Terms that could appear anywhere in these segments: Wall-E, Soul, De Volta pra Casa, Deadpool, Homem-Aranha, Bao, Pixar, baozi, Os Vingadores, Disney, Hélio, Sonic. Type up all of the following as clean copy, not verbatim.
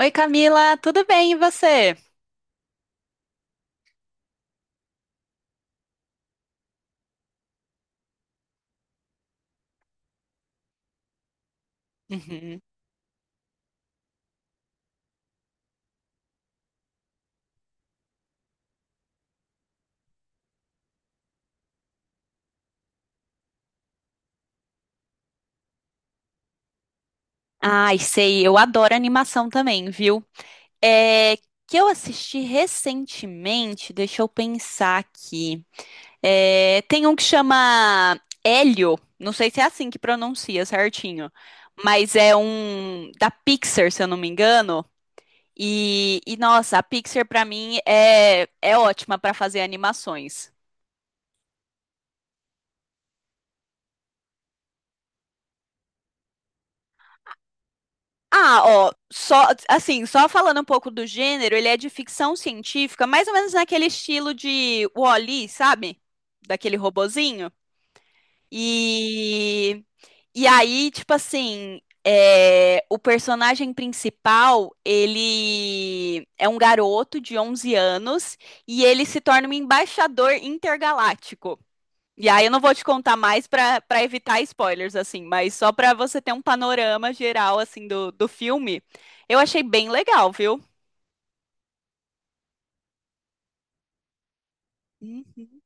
Oi, Camila, tudo bem e você? Uhum. Ai, sei, eu adoro animação também, viu? É que eu assisti recentemente, deixa eu pensar aqui. É, tem um que chama Hélio, não sei se é assim que pronuncia certinho, mas é um da Pixar, se eu não me engano. Nossa, a Pixar pra mim é ótima pra fazer animações. Ah, ó, só assim, só falando um pouco do gênero, ele é de ficção científica, mais ou menos naquele estilo de Wall-E, sabe? Daquele robozinho. E e aí, tipo assim, é, o personagem principal, ele é um garoto de 11 anos e ele se torna um embaixador intergaláctico. E aí eu não vou te contar mais pra para evitar spoilers, assim, mas só pra você ter um panorama geral, assim, do filme, eu achei bem legal, viu? Uhum.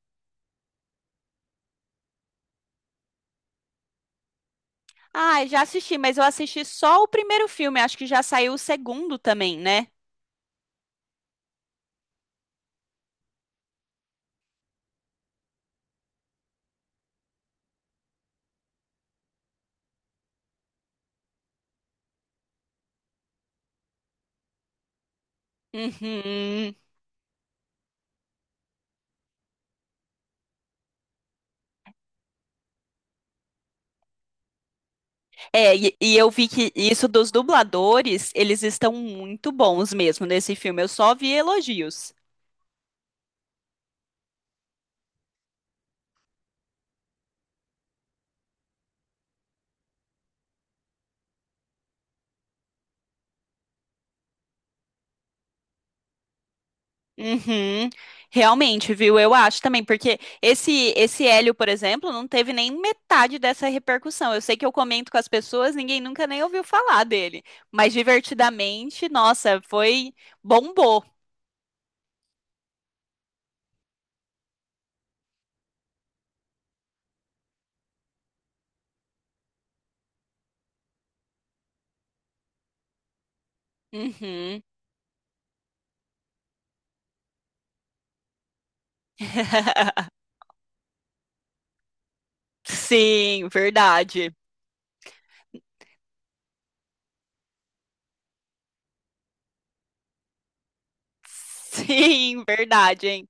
Ah, já assisti, mas eu assisti só o primeiro filme, acho que já saiu o segundo também, né? Uhum. É, e eu vi que isso dos dubladores, eles estão muito bons mesmo nesse filme, eu só vi elogios. Uhum. Realmente, viu? Eu acho também, porque esse Hélio, por exemplo, não teve nem metade dessa repercussão. Eu sei que eu comento com as pessoas, ninguém nunca nem ouviu falar dele, mas divertidamente, nossa, foi bombou. Uhum. Sim, verdade. Sim, verdade, hein?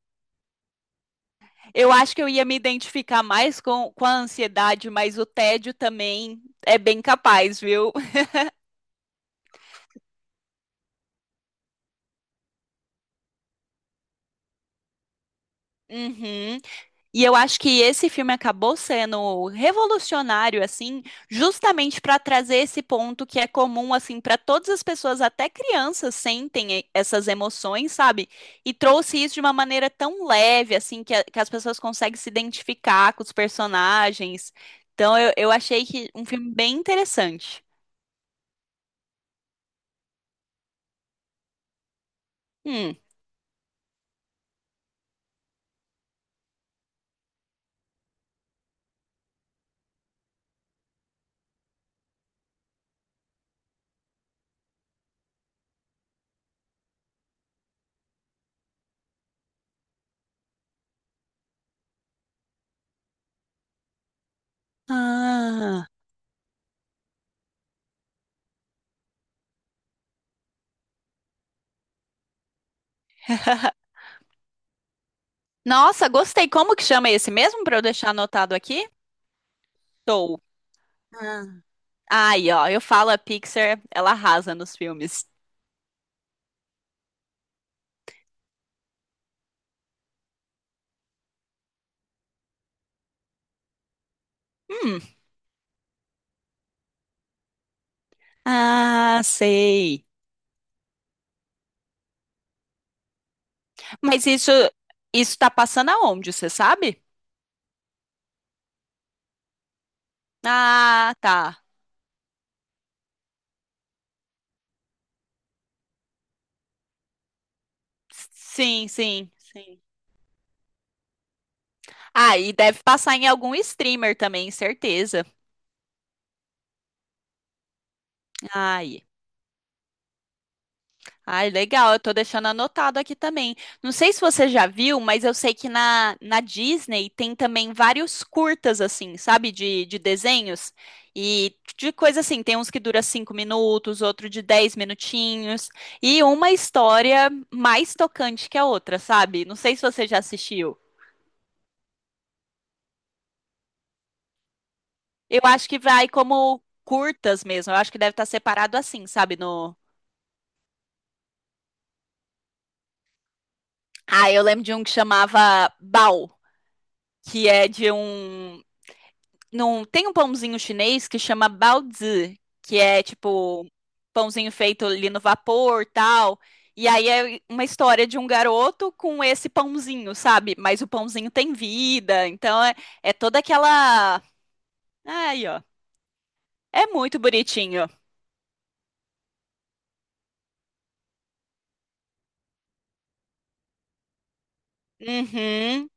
Eu acho que eu ia me identificar mais com a ansiedade, mas o tédio também é bem capaz, viu? Uhum. E eu acho que esse filme acabou sendo revolucionário, assim, justamente para trazer esse ponto que é comum, assim, para todas as pessoas, até crianças sentem e- essas emoções, sabe? E trouxe isso de uma maneira tão leve, assim, que, a- que as pessoas conseguem se identificar com os personagens. Então, eu achei que um filme bem interessante. Hum. Ah. Nossa, gostei. Como que chama esse mesmo para eu deixar anotado aqui? Soul. Ai ó, eu falo, a Pixar, ela arrasa nos filmes. Hum, ah, sei. Mas isso tá passando aonde, você sabe? Ah, tá. Sim, sim, sim. Ah, e deve passar em algum streamer também, certeza. Ai, ai, legal, eu tô deixando anotado aqui também. Não sei se você já viu, mas eu sei que na Disney tem também vários curtas, assim, sabe, de desenhos e de coisa assim. Tem uns que dura 5 minutos, outro de 10 minutinhos, e uma história mais tocante que a outra, sabe? Não sei se você já assistiu. Eu acho que vai como curtas mesmo, eu acho que deve estar separado assim, sabe? No... Ah, eu lembro de um que chamava Bao, que é de um. Num, tem um pãozinho chinês que chama baozi, que é tipo pãozinho feito ali no vapor, tal. E aí é uma história de um garoto com esse pãozinho, sabe? Mas o pãozinho tem vida, então é, é toda aquela. Aí, ó. É muito bonitinho. Uhum.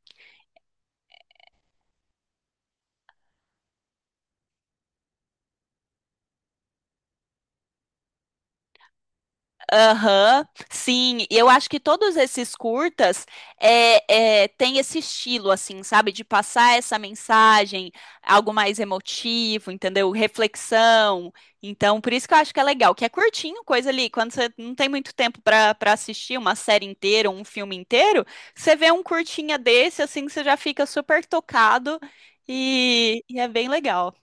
Aham, sim, e eu acho que todos esses curtas têm esse estilo, assim, sabe, de passar essa mensagem, algo mais emotivo, entendeu? Reflexão. Então, por isso que eu acho que é legal, que é curtinho, coisa ali, quando você não tem muito tempo para assistir uma série inteira, um filme inteiro, você vê um curtinha desse, assim, você já fica super tocado e é bem legal.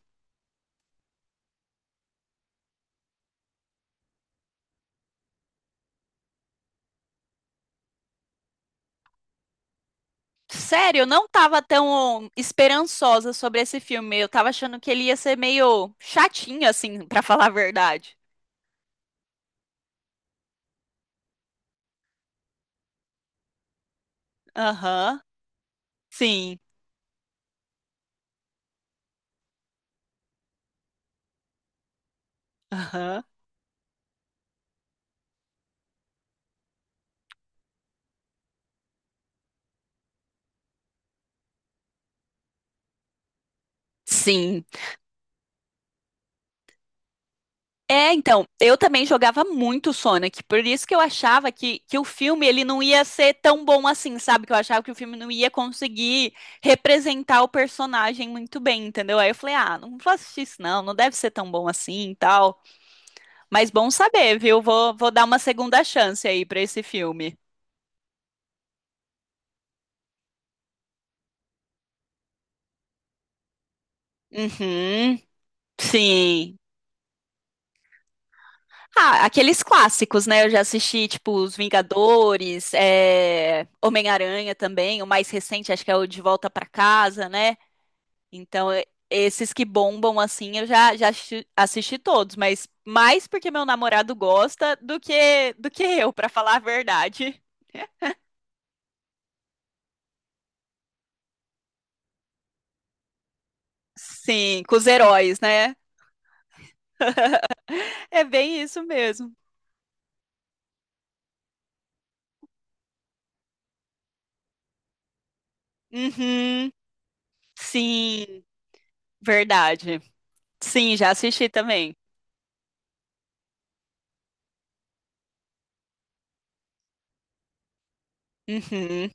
Sério, eu não tava tão esperançosa sobre esse filme. Eu tava achando que ele ia ser meio chatinho, assim, pra falar a verdade. Aham, sim. Aham. Sim. É, então, eu também jogava muito Sonic, por isso que eu achava que o filme ele não ia ser tão bom assim, sabe? Que eu achava que o filme não ia conseguir representar o personagem muito bem, entendeu? Aí eu falei, ah, não vou assistir isso não, não deve ser tão bom assim e tal. Mas bom saber, viu? Vou dar uma segunda chance aí pra esse filme. Uhum, sim. Ah, aqueles clássicos, né? Eu já assisti, tipo, Os Vingadores, é, Homem-Aranha também, o mais recente, acho que é o De Volta pra Casa, né? Então, é- esses que bombam assim, já assisti todos, mas mais porque meu namorado gosta do que eu, pra falar a verdade. Sim, com os heróis, né? É bem isso mesmo. Uhum, sim. Verdade. Sim, já assisti também. Uhum.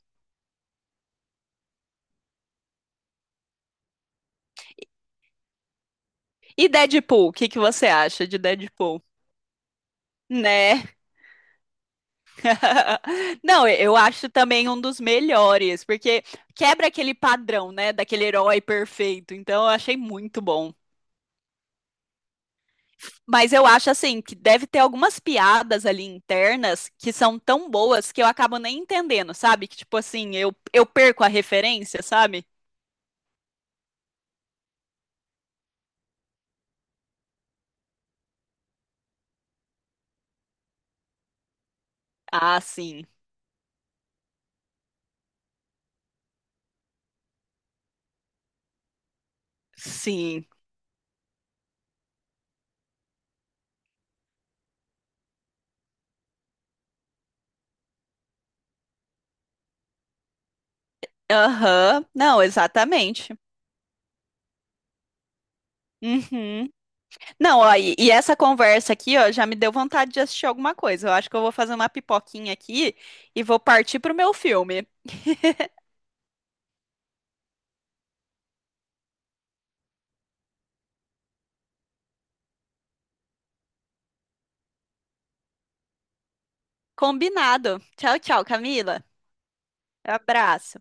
E Deadpool, o que que você acha de Deadpool? Né? Não, eu acho também um dos melhores, porque quebra aquele padrão, né, daquele herói perfeito. Então eu achei muito bom. Mas eu acho assim que deve ter algumas piadas ali internas que são tão boas que eu acabo nem entendendo, sabe? Que tipo assim, eu perco a referência, sabe? Ah, sim. Sim. Aham. Não, exatamente. Uhum. Não, ó, e essa conversa aqui, ó, já me deu vontade de assistir alguma coisa. Eu acho que eu vou fazer uma pipoquinha aqui e vou partir pro meu filme. Combinado. Tchau, tchau, Camila. Abraço.